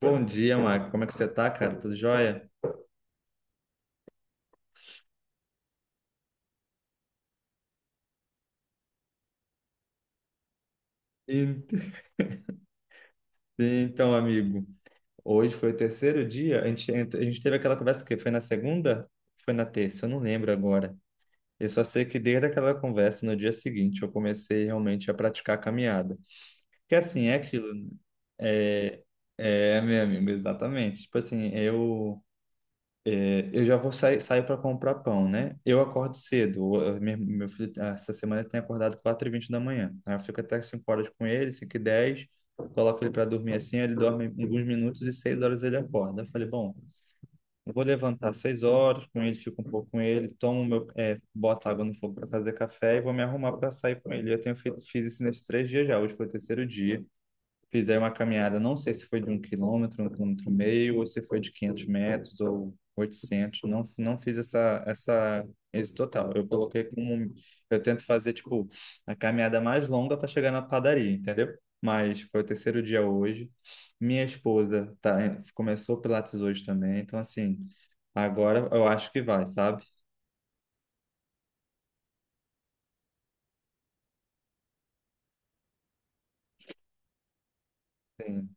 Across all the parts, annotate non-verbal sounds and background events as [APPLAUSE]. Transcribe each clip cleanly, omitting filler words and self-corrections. Bom dia, Marco. Como é que você tá, cara? Tudo jóia? Ent- [LAUGHS] Então, amigo, hoje foi o terceiro dia. A gente teve aquela conversa que foi na segunda? Foi na terça? Eu não lembro agora. Eu só sei que desde aquela conversa, no dia seguinte, eu comecei realmente a praticar a caminhada. Que assim, é aquilo, né? É, é, meu amigo, exatamente. Tipo assim, eu já vou sair, saio para comprar pão, né? Eu acordo cedo. Meu filho, ah, essa semana, ele tem acordado 4h20 da manhã. Aí eu fico até 5 horas com ele, 5h10, coloco ele para dormir assim, ele dorme alguns minutos e 6 horas ele acorda. Eu falei, bom, eu vou levantar às 6 horas com ele, fico um pouco com ele, boto água no fogo para fazer café e vou me arrumar para sair com ele. Eu tenho feito, fiz isso nesses três dias já. Hoje foi o terceiro dia fizer uma caminhada, não sei se foi de 1 quilômetro, 1,5 quilômetro, ou se foi de 500 metros ou 800. Não fiz esse total. Eu coloquei como, um, eu tento fazer, tipo, a caminhada mais longa para chegar na padaria, entendeu? Mas foi o terceiro dia hoje. Minha esposa começou o Pilates hoje também, então assim, agora eu acho que vai, sabe? Sim,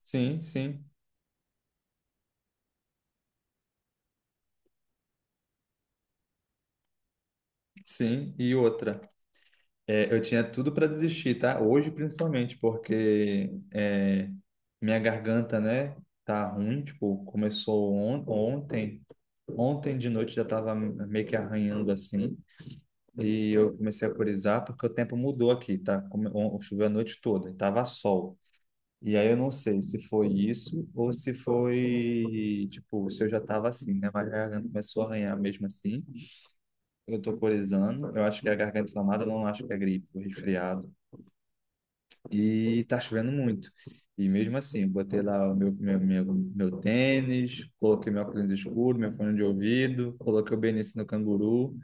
sim, sim. Sim. E outra, é, eu tinha tudo para desistir, tá? Hoje, principalmente, porque é, minha garganta, né, tá ruim. Tipo, começou on ontem. Ontem de noite já tava meio que arranhando assim. E eu comecei a corizar porque o tempo mudou aqui, tá? Choveu a noite toda, e tava sol. E aí eu não sei se foi isso ou se foi, tipo, se eu já tava assim, né? Mas a garganta começou a arranhar mesmo assim. Eu tô corizando. Eu acho que é a garganta inflamada, eu não acho que é gripe, ou resfriado. E tá chovendo muito. E mesmo assim, eu botei lá o meu tênis, coloquei meu óculos escuro, meu fone de ouvido, coloquei o Benício no canguru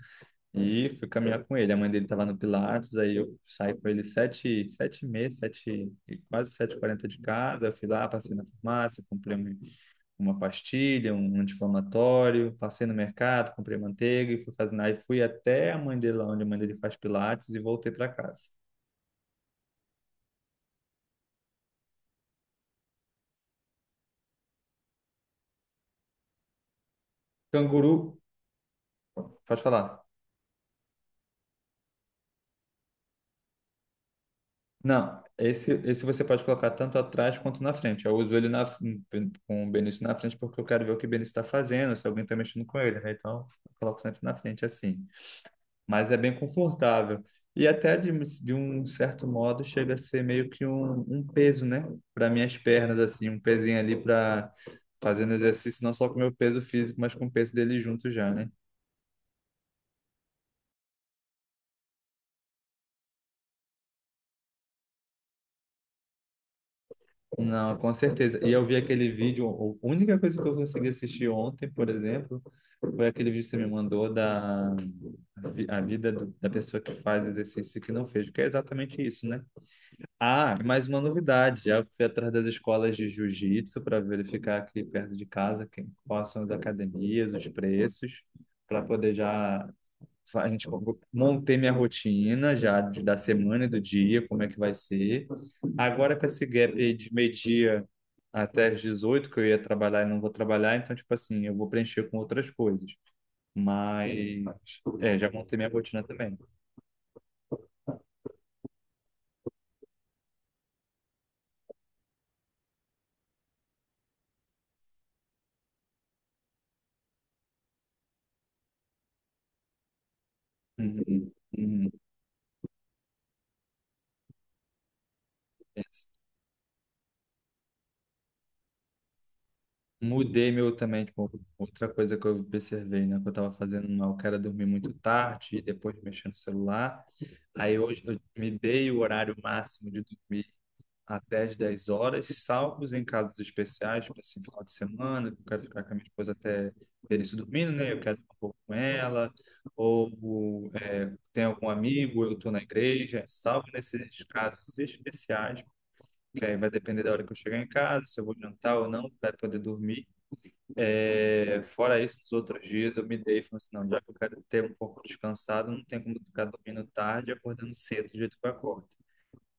e fui caminhar com ele. A mãe dele estava no Pilates, aí eu saí com ele sete, sete e meia, sete, e quase sete e quarenta de casa. Eu fui lá, passei na farmácia, comprei uma pastilha, um anti-inflamatório, passei no mercado, comprei manteiga e fui fazendo. Aí fui até a mãe dele lá, onde a mãe dele faz Pilates e voltei para casa. Canguru, pode falar. Não, esse você pode colocar tanto atrás quanto na frente. Eu uso ele com o Benício na frente porque eu quero ver o que o Benício está fazendo, se alguém está mexendo com ele, né? Então, eu coloco sempre na frente assim. Mas é bem confortável. E até de um certo modo chega a ser meio que um peso, né? Para minhas pernas, assim, um pezinho ali para fazendo exercício, não só com o meu peso físico, mas com o peso dele junto já, né? Não, com certeza. E eu vi aquele vídeo, a única coisa que eu consegui assistir ontem, por exemplo. Foi aquele vídeo que você me mandou a vida da pessoa que faz exercício e que não fez, que é exatamente isso, né? Ah, e mais uma novidade. Já fui atrás das escolas de jiu-jitsu para verificar aqui perto de casa quem, quais são as academias, os preços, para poder já montei minha rotina já da semana e do dia, como é que vai ser. Agora com esse gap aí de meio-dia até as 18 que eu ia trabalhar e não vou trabalhar, então tipo assim, eu vou preencher com outras coisas. Mas é, já montei minha rotina também. Uhum, uhum. É isso. Mudei meu também, tipo, outra coisa que eu observei, né? Que eu tava fazendo mal, que era dormir muito tarde e depois mexer no celular. Aí hoje eu me dei o horário máximo de dormir até as 10 horas, salvos em casos especiais, tipo assim, final de semana, que eu quero ficar com a minha esposa até ter isso dormindo, né? Eu quero ficar um pouco com ela, ou tem algum amigo, eu estou na igreja, salvo nesses casos especiais, que aí vai depender da hora que eu chegar em casa, se eu vou jantar ou não, vai poder dormir. É, fora isso, nos outros dias eu me dei e falei assim, não, já que eu quero ter um pouco descansado, não tem como ficar dormindo tarde e acordando cedo do jeito que eu acordo.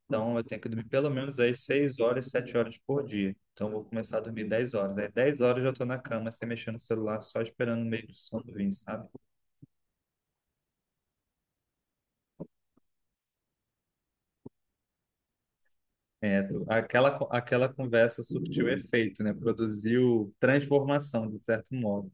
Então eu tenho que dormir pelo menos aí 6 horas, 7 horas por dia. Então eu vou começar a dormir 10 horas. Aí 10 horas eu já estou na cama, sem mexer no celular, só esperando o meio do sono vir, sabe? É, aquela conversa surtiu efeito, né? Produziu transformação, de certo modo.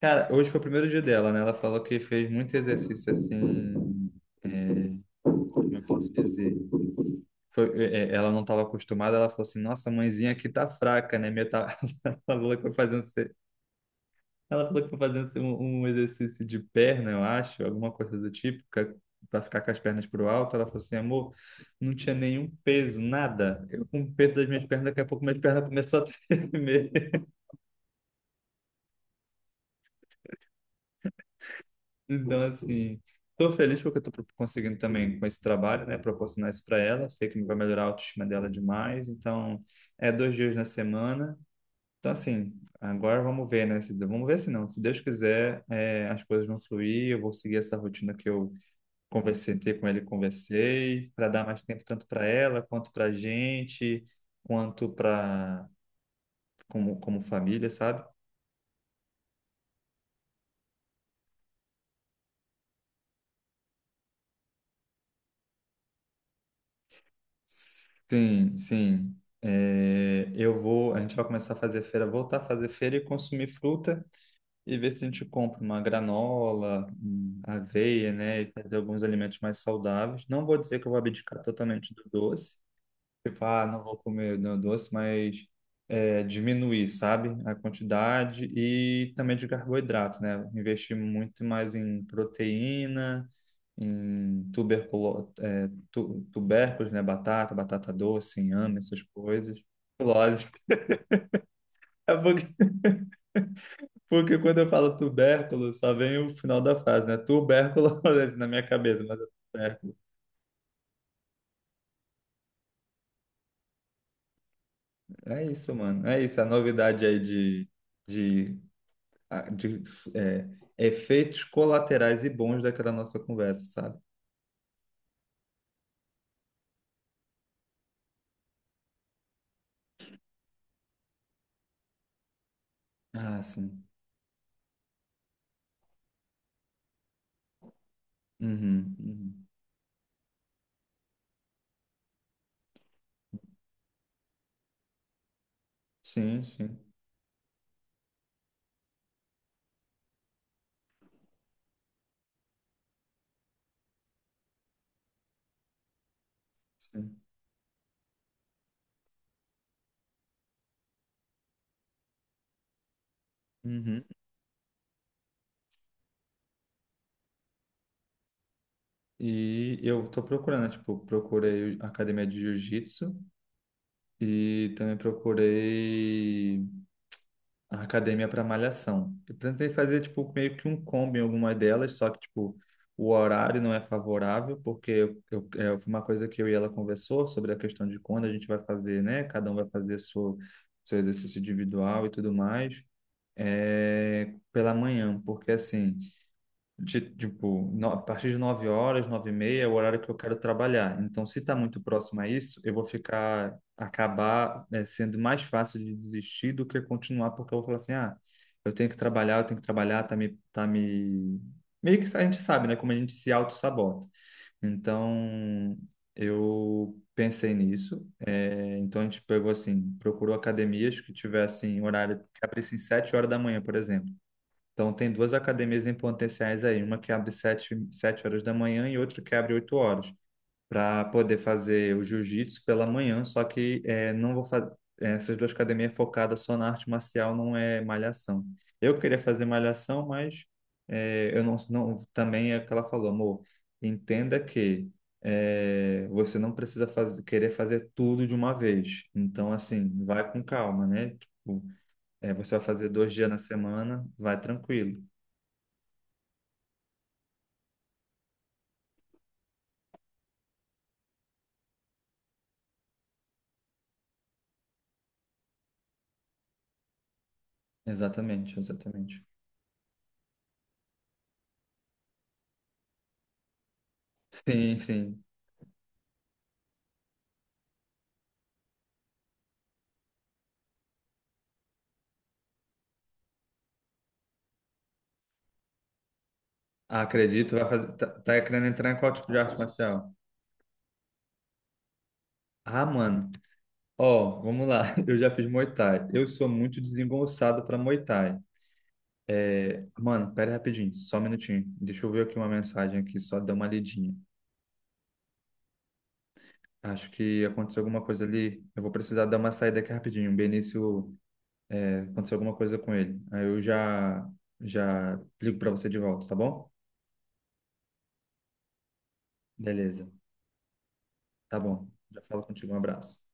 Cara, hoje foi o primeiro dia dela, né? Ela falou que fez muito exercício assim. é, Como eu posso dizer? Ela não estava acostumada, ela falou assim: Nossa, mãezinha aqui tá fraca, né? Minha tá... [LAUGHS] Ela falou que foi fazendo, ela falou que foi fazendo assim, um exercício de perna, eu acho, alguma coisa do tipo, para ficar com as pernas pro alto. Ela falou assim: Amor, não tinha nenhum peso, nada. Eu com o peso das minhas pernas, daqui a pouco minhas pernas começou a tremer. Então, assim, estou feliz porque eu estou conseguindo também com esse trabalho, né, proporcionar isso para ela. Sei que vai melhorar a autoestima dela demais. Então, é 2 dias na semana. Então, assim, agora vamos ver, né? Vamos ver se não. Se Deus quiser, as coisas vão fluir. Eu vou seguir essa rotina que eu conversei com ele, conversei, para dar mais tempo tanto para ela, quanto para gente, quanto para como família, sabe? Sim, sim. É, eu vou, a gente vai começar a fazer feira, voltar a fazer feira e consumir fruta e ver se a gente compra uma granola, aveia, né, e fazer alguns alimentos mais saudáveis. Não vou dizer que eu vou abdicar totalmente do doce, tipo, ah, não vou comer não, doce, mas diminuir, sabe? A quantidade e também de carboidrato, né? Investir muito mais em proteína, em tuberculo, tubérculos, né? Batata, batata doce, inhame, essas coisas. Tuberculose. [LAUGHS] É porque quando eu falo tubérculo, só vem o final da frase, né? Tuberculose [LAUGHS] na minha cabeça, mas é tubérculo. É isso, mano. É isso. A novidade aí de de, é, efeitos colaterais e bons daquela nossa conversa, sabe? Ah, sim. Uhum, uhum. Sim, sim, sim. Uhum. E eu tô procurando, né, tipo, procurei a academia de jiu-jitsu e também procurei a academia para malhação. Eu tentei fazer tipo meio que um combo em algumas delas, só que tipo o horário não é favorável, porque foi uma coisa que eu e ela conversou sobre a questão de quando a gente vai fazer, né? Cada um vai fazer seu exercício individual e tudo mais, é, pela manhã, porque assim tipo, a partir de 9 horas, 9h30 é o horário que eu quero trabalhar. Então, se está muito próximo a isso, eu vou ficar, acabar, sendo mais fácil de desistir do que continuar, porque eu vou falar assim, ah, eu tenho que trabalhar, eu tenho que trabalhar, tá me... Meio que a gente sabe, né, como a gente se auto-sabota. Então, eu pensei nisso, então a gente pegou assim, procurou academias que tivessem horário que abrissem 7 horas da manhã, por exemplo. Então, tem duas academias em potenciais aí, uma que abre sete horas da manhã e outra que abre 8 horas, para poder fazer o jiu-jitsu pela manhã, só que não vou fazer. Essas duas academias focadas só na arte marcial, não é malhação. Eu queria fazer malhação, mas eu não, não. Também é o que ela falou, amor, entenda que você não precisa fazer, querer fazer tudo de uma vez. Então, assim, vai com calma, né? Tipo, você vai fazer 2 dias na semana, vai tranquilo. Exatamente, exatamente. Sim, sim. Ah, acredito, vai fazer. Tá, tá querendo entrar em qual tipo de arte marcial? Ah, mano. Ó, vamos lá. [LAUGHS] Eu já fiz Muay Thai. Eu sou muito desengonçado pra Muay Thai. Mano, pera aí rapidinho, só um minutinho. Deixa eu ver aqui uma mensagem aqui, só dar uma lidinha. Acho que aconteceu alguma coisa ali. Eu vou precisar dar uma saída aqui rapidinho. O Benício, aconteceu alguma coisa com ele. Aí eu já já ligo pra você de volta, tá bom? Beleza. Tá bom. Já falo contigo. Um abraço.